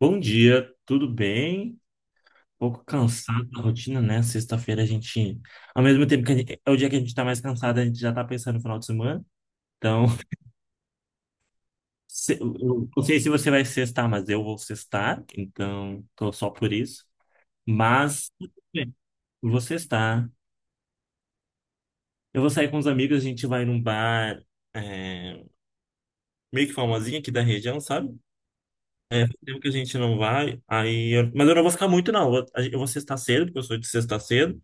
Bom dia, tudo bem? Um pouco cansado da rotina, né? Sexta-feira a gente, ao mesmo tempo que é o dia que a gente tá mais cansado, a gente já tá pensando no final de semana. Então, eu não sei se você vai sextar, mas eu vou sextar, então tô só por isso. Mas tudo bem, eu vou sextar. Eu vou sair com os amigos, a gente vai num bar é, meio que famosinho aqui da região, sabe? É, faz tempo que a gente não vai, mas eu não vou ficar muito, não. Eu vou sextar cedo, porque eu sou de sexta cedo.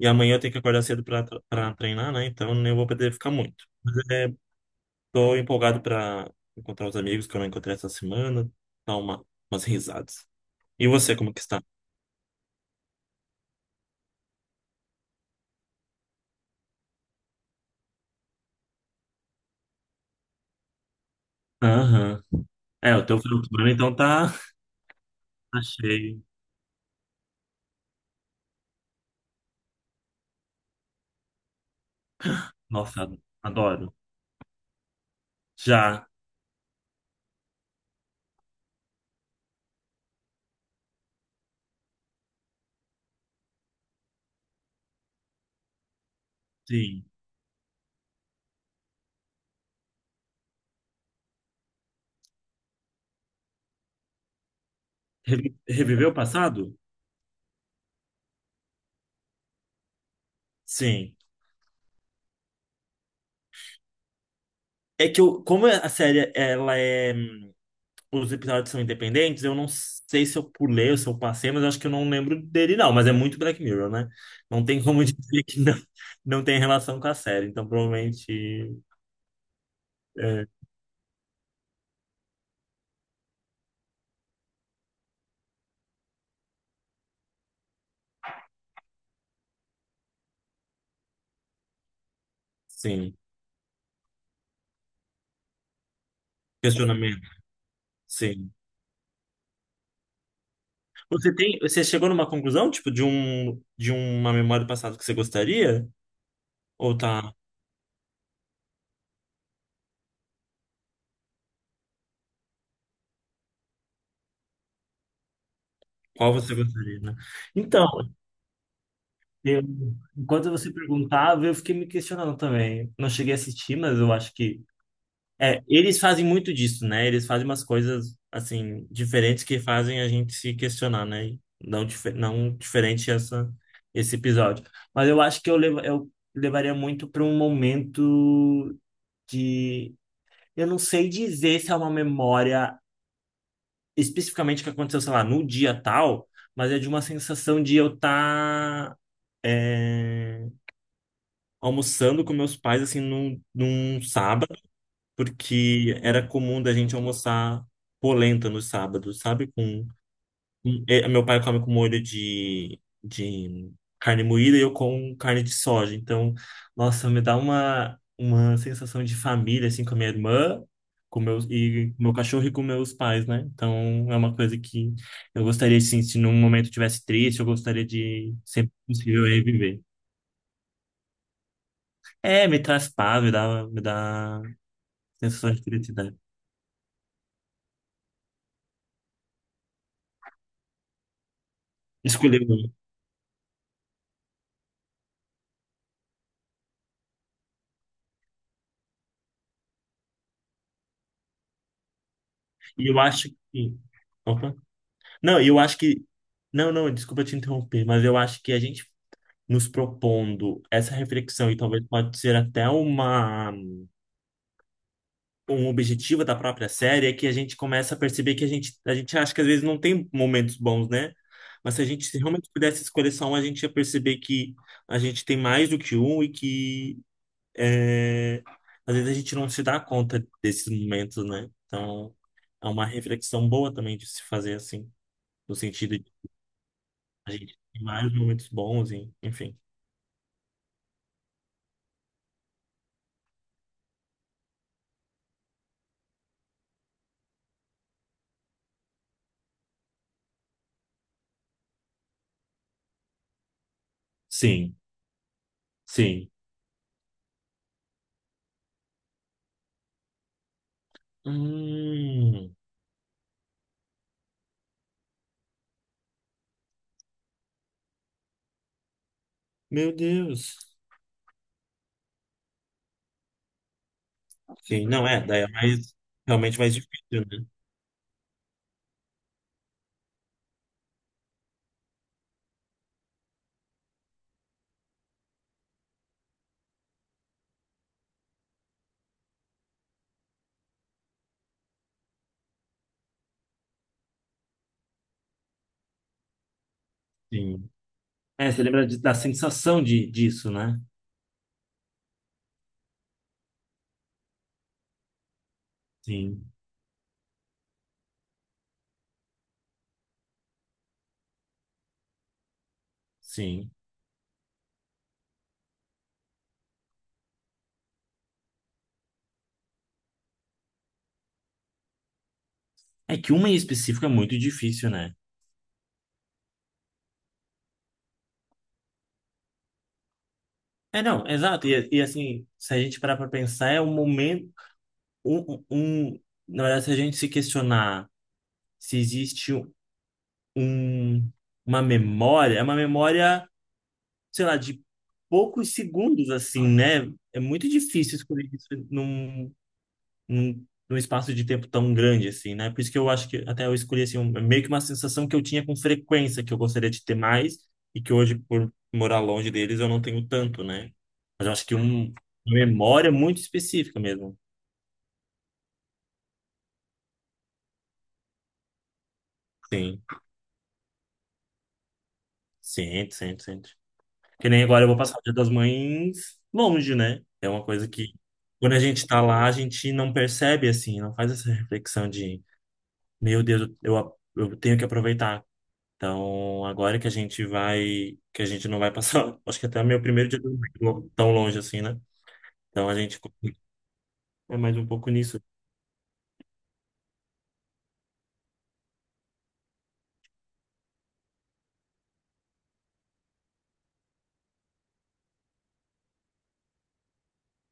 E amanhã eu tenho que acordar cedo para treinar, né? Então eu vou poder ficar muito. Mas tô empolgado para encontrar os amigos que eu não encontrei essa semana, dar umas risadas. E você, como que está? Aham. É, o teu final de semana então tá cheio. Nossa, adoro. Já, sim. Reviver o passado? Sim. É que eu, como a série ela é os episódios são independentes, eu não sei se eu pulei ou se eu passei, mas eu acho que eu não lembro dele, não. Mas é muito Black Mirror, né? Não tem como dizer que não, não tem relação com a série. Então, provavelmente, é, sim. Questionamento, sim. Você chegou numa conclusão, tipo, de uma memória do passado que você gostaria? Ou tá, qual você gostaria, né? Então, eu, enquanto você perguntava, eu fiquei me questionando também. Não cheguei a assistir, mas eu acho que eles fazem muito disso, né? Eles fazem umas coisas, assim, diferentes que fazem a gente se questionar, né? E não, não diferente esse episódio. Mas eu acho que eu levaria muito para um momento de... Eu não sei dizer se é uma memória especificamente que aconteceu, sei lá, no dia tal, mas é de uma sensação de eu estar almoçando com meus pais, assim, num sábado, porque era comum da gente almoçar polenta nos sábados, sabe? Meu pai come com molho de carne moída e eu com carne de soja. Então, nossa, me dá uma sensação de família, assim, com a minha irmã, e com meu cachorro e com meus pais, né? Então, é uma coisa que eu gostaria, assim, se num momento eu tivesse triste, eu gostaria de, sempre que possível, reviver. É, me traz paz, me dá sensação de felicidade. Escolher. E eu acho que. Opa. Não, eu acho que. Não, não, desculpa te interromper, mas eu acho que a gente nos propondo essa reflexão, e talvez pode ser até um objetivo da própria série, é que a gente começa a perceber que a gente acha que às vezes não tem momentos bons, né? Mas se a gente realmente pudesse escolher só um, a gente ia perceber que a gente tem mais do que um e que é, às vezes a gente não se dá conta desses momentos, né? Então, é uma reflexão boa também de se fazer assim. No sentido de a gente tem vários momentos bons, enfim. Sim, sim. Hum, meu Deus. Sim, não é, daí é realmente mais difícil, né? Sim. É, você lembra da sensação disso, né? Sim, sim. É que uma em específico é muito difícil, né? É, não, exato. E assim, se a gente parar pra pensar, é um momento. Um, um, um- na verdade, se a gente se questionar se existe um, uma memória, é uma memória. Sei lá, de poucos segundos, assim, né? É muito difícil escolher isso num espaço de tempo tão grande, assim, né? Por isso que eu acho que até eu escolhi, assim, é meio que uma sensação que eu tinha com frequência, que eu gostaria de ter mais, e que hoje, por morar longe deles, eu não tenho tanto, né? Mas eu acho que uma memória muito específica mesmo. Sim, sente, sente, sente. Que nem agora eu vou passar o Dia das Mães longe, né? É uma coisa que, quando a gente tá lá, a gente não percebe, assim, não faz essa reflexão de Meu Deus, eu tenho que aproveitar. Então, agora que a gente vai, que a gente não vai passar, acho que até meu primeiro dia tão tão longe assim, né? Então a gente é mais um pouco nisso.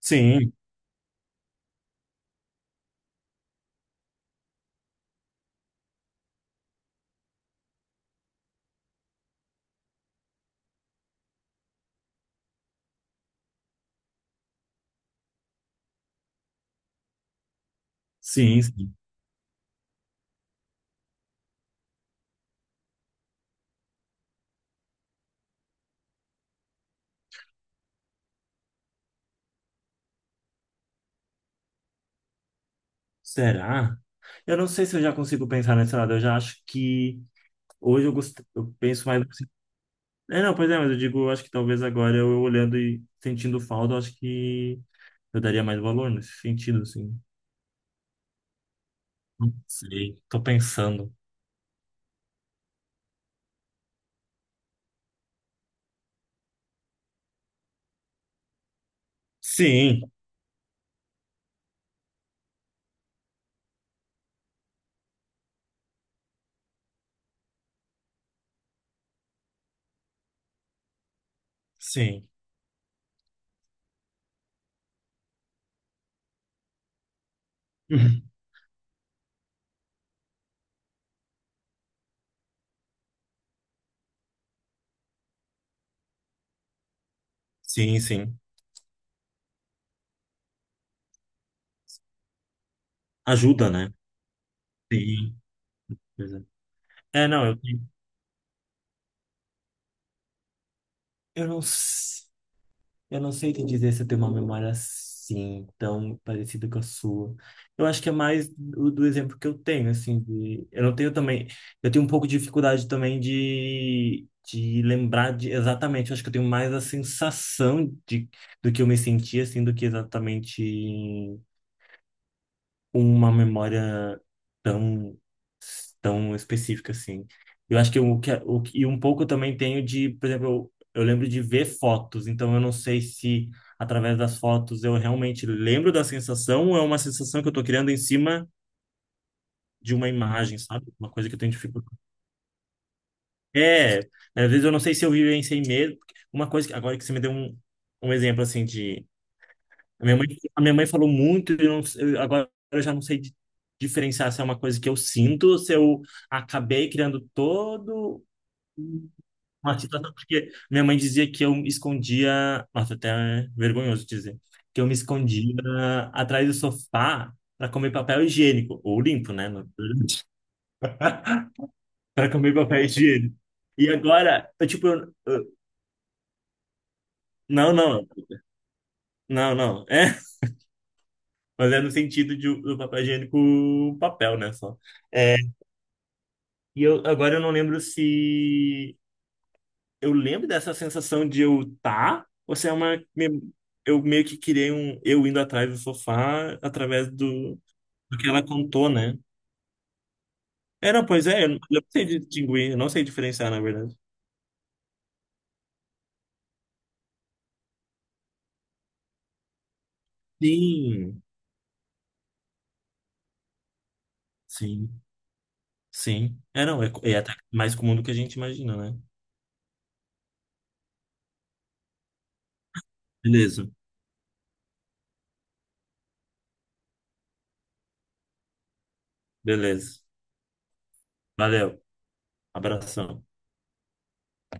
Sim, sim, sim. Será? Eu não sei se eu já consigo pensar nesse lado. Eu já acho que hoje eu penso mais assim. É, não, pois é, mas eu digo, eu acho que talvez agora eu olhando e sentindo falta, eu acho que eu daria mais valor nesse sentido, assim. Não sei, tô pensando. Sim, sim. Sim, sim. Ajuda, né? Sim. Pois É, não, eu, tenho- eu não, s- eu não sei te dizer se eu tenho uma memória assim, tão parecida com a sua. Eu acho que é mais do exemplo que eu tenho, assim, eu não tenho também, eu tenho um pouco de dificuldade também de lembrar de exatamente, eu acho que eu tenho mais a sensação do que eu me senti, assim, do que exatamente uma memória tão tão específica assim. Eu acho que o que é, e um pouco eu também tenho de, por exemplo, eu lembro de ver fotos, então eu não sei se através das fotos eu realmente lembro da sensação ou é uma sensação que eu tô criando em cima de uma imagem, sabe? Uma coisa que eu tenho dificuldade. É, às vezes eu não sei se eu vivenciei mesmo. Uma coisa que agora que você me deu um exemplo assim de A minha mãe, a minha mãe falou muito, e eu não, sei- eu, agora eu já não sei diferenciar se é uma coisa que eu sinto, ou se eu acabei criando todo uma situação, porque minha mãe dizia que eu me escondia, nossa, até é vergonhoso dizer, que eu me escondia atrás do sofá para comer papel higiênico, ou limpo, né? Na verdade. Pra comer papel higiênico. E agora, eu, tipo, não, não, não, não. É, mas é no sentido do papel higiênico, papel, né? Só. É, e eu agora eu não lembro se eu lembro dessa sensação de eu tá, ou se é uma eu meio que criei um eu indo atrás do sofá através do que ela contou, né? É, não, pois é, eu não sei distinguir, eu não sei diferenciar, na verdade. Sim, sim, sim. É, não, é até mais comum do que a gente imagina, né? Beleza. Beleza. Valeu. Abração.